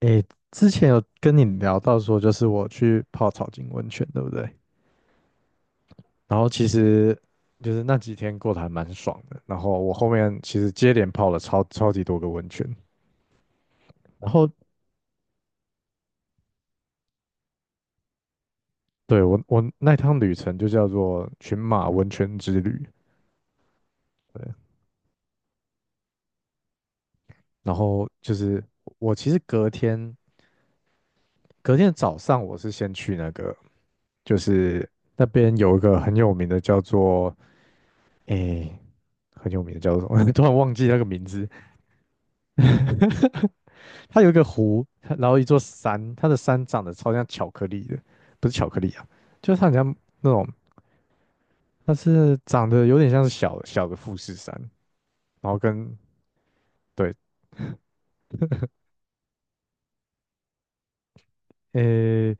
诶，之前有跟你聊到说，就是我去泡草金温泉，对不对？然后其实就是那几天过得还蛮爽的。然后我后面其实接连泡了超级多个温泉。然后对我那趟旅程就叫做群马温泉之旅。对，然后就是我其实隔天早上我是先去那个，就是那边有一个很有名的叫做诶，很有名的叫做什么？突然忘记那个名字。它有一个湖，它然后一座山，它的山长得超像巧克力的，不是巧克力啊，就是它很像那种，它是长得有点像是小小的富士山，然后跟对，诶、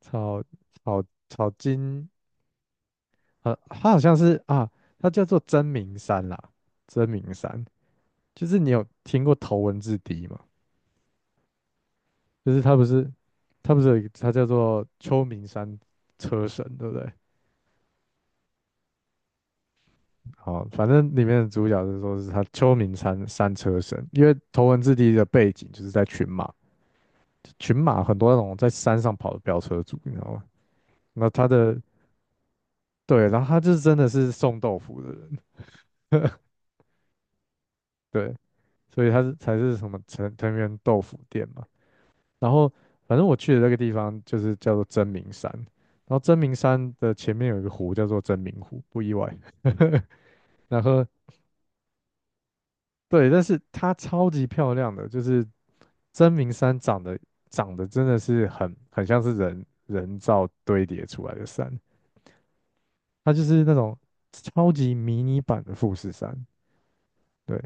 草草草金，它好像是啊，它叫做真名山啦，真名山，就是你有听过头文字 D 吗？就是它不是，它不是有一个，它叫做秋名山车神，对不对？好，反正里面的主角是说是他秋名山山车神，因为头文字 D 的背景就是在群马，群马很多那种在山上跑的飙车族，你知道吗？那他的对，然后他就是真的是送豆腐的人，对，所以他是才是什么藤原豆腐店嘛。然后反正我去的那个地方就是叫做真名山，然后真名山的前面有一个湖叫做真名湖，不意外。然后对，但是它超级漂亮的，就是真名山长得长得真的是很像是人造堆叠出来的山，它就是那种超级迷你版的富士山，对，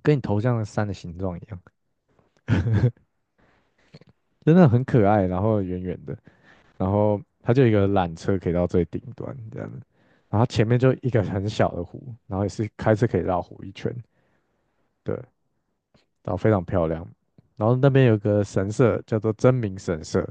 跟你头像的山的形状一样，真的很可爱，然后圆圆的，然后它就有一个缆车可以到最顶端这样子，然后前面就一个很小的湖，然后也是开车可以绕湖一圈，对，然后非常漂亮，然后那边有个神社叫做真名神社。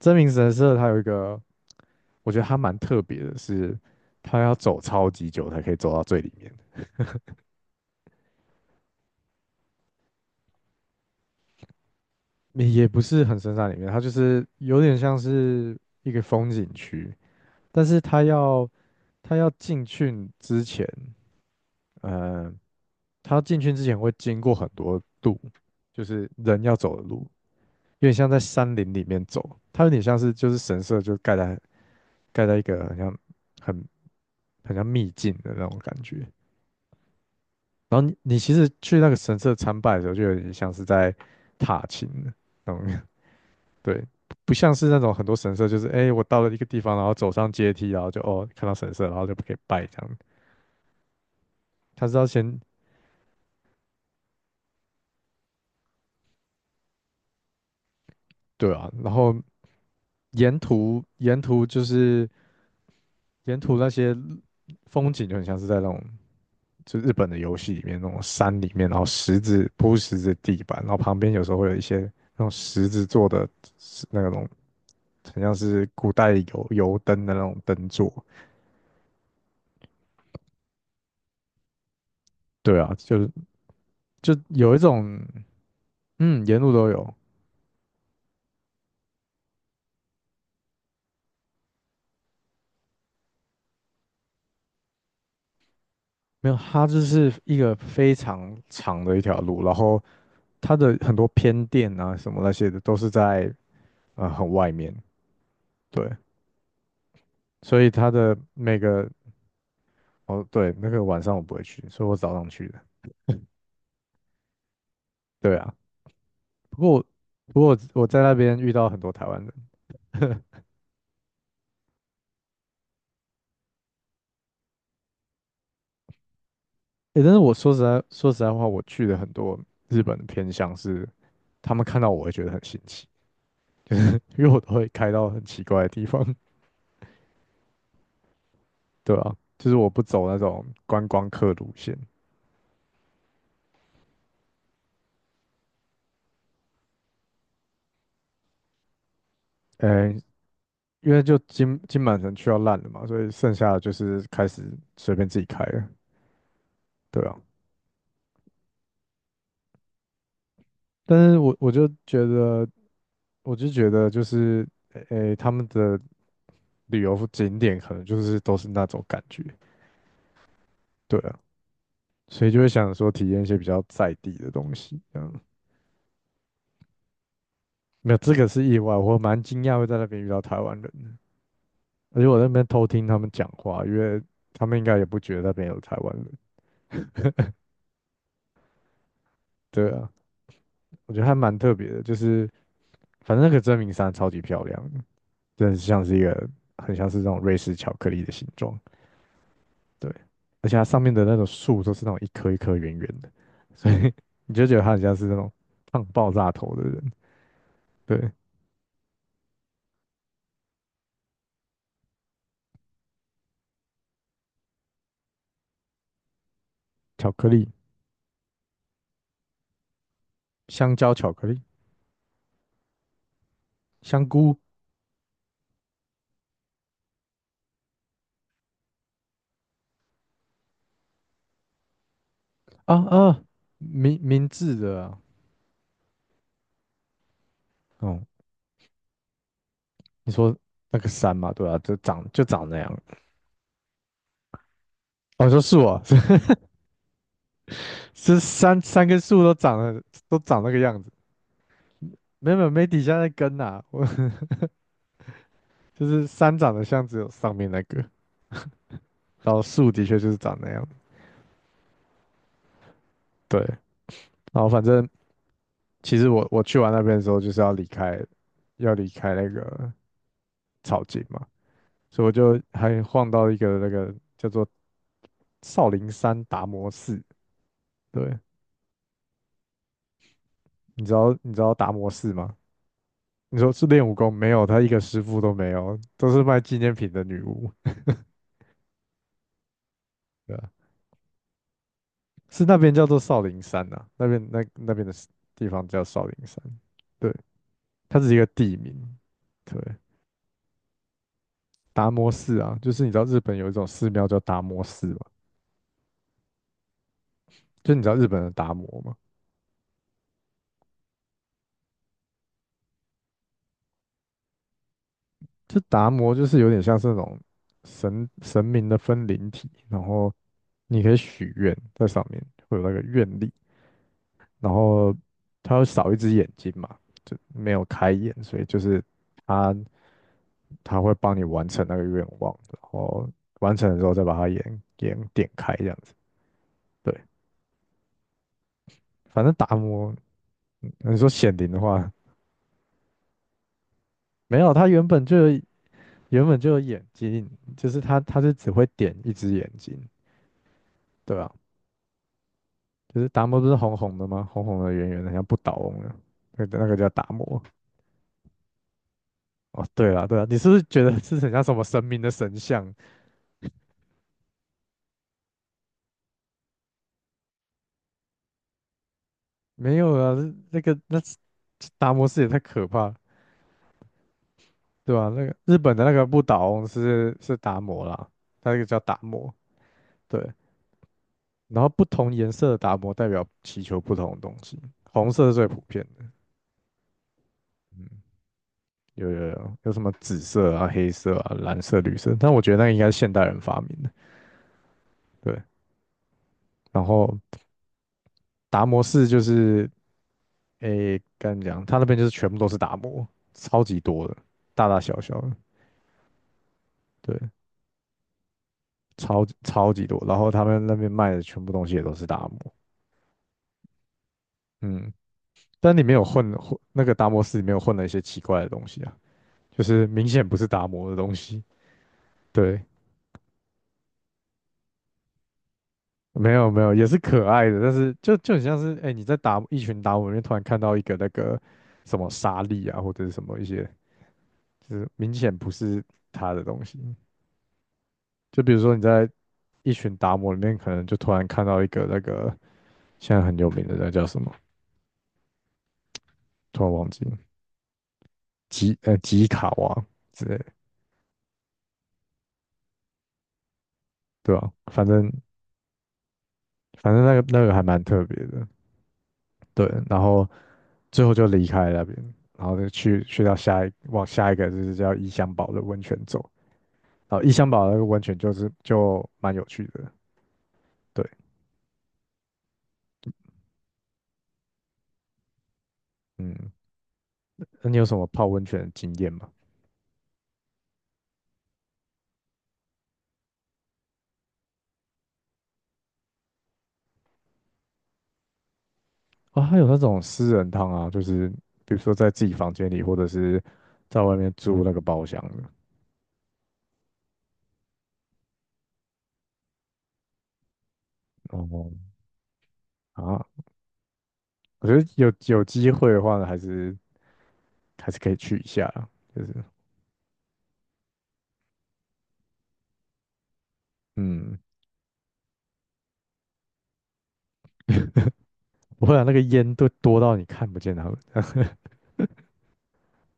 真名神社它有一个，我觉得它蛮特别的是，它要走超级久才可以走到最里面，也不是很深山里面，它就是有点像是一个风景区，但是它要进去之前，呃，它进去之前会经过很多路，就是人要走的路，有点像在山林里面走，它有点像是就是神社就盖在一个很像很很像秘境的那种感觉。然后你其实去那个神社参拜的时候，就有点像是在踏青的那种，对，不像是那种很多神社就是，哎，我到了一个地方，然后走上阶梯，然后就哦看到神社，然后就可以拜这样。他是要先对啊，然后沿途沿途就是沿途那些风景就很像是在那种就日本的游戏里面那种山里面，然后石子铺石子地板，然后旁边有时候会有一些那种石子做的那种很像是古代油灯的那种灯座。对啊，就是就有一种，嗯，沿路都有，没有，它就是一个非常长的一条路，然后它的很多偏店啊什么那些的都是在很外面，对，所以它的每个哦对，那个晚上我不会去，所以我早上去的，对啊，不过我不过我在那边遇到很多台湾人，诶，但是我说实在话，我去的很多日本的偏向是他们看到我会觉得很新奇。因为我都会开到很奇怪的地方，对啊，就是我不走那种观光客路线，呃，因为就金满城去到烂了嘛，所以剩下的就是开始随便自己开了，对啊，但是我就觉得，我就觉得就是，诶，他们的旅游景点可能就是都是那种感觉，对啊，所以就会想说体验一些比较在地的东西，嗯，没有，这个是意外，我蛮惊讶会在那边遇到台湾人的，而且我在那边偷听他们讲话，因为他们应该也不觉得那边有台湾人。对啊，我觉得还蛮特别的，就是反正那个真名山超级漂亮的真的像是一个很像是那种瑞士巧克力的形状。对，而且它上面的那种树都是那种一颗一颗圆圆的，所以 你就觉得它很像是那种胖爆炸头的人。对，巧克力、香蕉、巧克力、香菇啊啊，明治的啊，哦、你说那个山嘛，对啊，就长就长那样。我说树啊，这三棵树都长得都长那个样子，没有没有没底下那根呐、我 就是山长得像只有上面那个，然后树的确就是长那样，对，然后反正其实我去完那边的时候就是要离开，要离开那个草津嘛，所以我就还晃到一个那个叫做少林山达摩寺，对，你知道达摩寺吗？你说是练武功没有？他一个师傅都没有，都是卖纪念品的女巫。对啊是那边叫做少林山呐、那边那边的 地方叫少林山，对，它只是一个地名。对，达摩寺啊，就是你知道日本有一种寺庙叫达摩寺嘛，就你知道日本的达摩嘛，就达摩就是有点像是那种神明的分灵体，然后你可以许愿在上面会有那个愿力，然后它会少一只眼睛嘛，就没有开眼，所以就是它他会帮你完成那个愿望，然后完成的时候再把它眼点开这样子。对，反正达摩，你说显灵的话，没有，他原本就有眼睛，就是他是只会点一只眼睛，对啊，就是达摩不是红红的吗？红红的圆圆的，像不倒翁的，那个叫达摩。哦，对了对了，你是不是觉得是很像什么神明的神像？没有啊，那达摩寺也太可怕，对啊，那个日本的那个不倒翁是是达摩啦，它那个叫达摩。对，然后不同颜色的达摩代表祈求不同的东西，红色是最普遍的。嗯，有有有，有什么紫色啊、黑色啊、蓝色、绿色，但我觉得那个应该是现代人发明的。对，然后达摩寺就是，诶，跟你讲，他那边就是全部都是达摩，超级多的，大大小小的，对，超级多。然后他们那边卖的全部东西也都是达摩。嗯，但里面有混那个达摩寺里面有混了一些奇怪的东西啊，就是明显不是达摩的东西。对，没有没有，也是可爱的，但是就很像是哎、你在达一群达摩里面突然看到一个那个什么沙粒啊，或者是什么一些，就是明显不是他的东西。就比如说你在一群达摩里面，可能就突然看到一个那个现在很有名的那叫什么，突然忘记了吉卡王之类的对吧、反正反正那个那个还蛮特别的。对，然后最后就离开了那边，然后就去到往下一个就是叫伊香堡的温泉走，然后伊香堡那个温泉就是就蛮有趣的，对，嗯，那你有什么泡温泉的经验吗？啊、还有那种私人汤啊，就是比如说在自己房间里，或者是在外面租那个包厢的。哦，啊，我觉得有机会的话呢，还是可以去一下啦就是嗯，不会啊，那个烟都多到你看不见它们。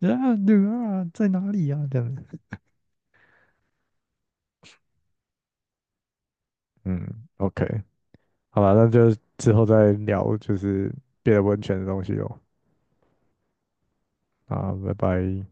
啊，女儿啊，在哪里啊？这样子，嗯，OK，好吧，那就之后再聊，就是别的温泉的东西哦。啊，拜拜。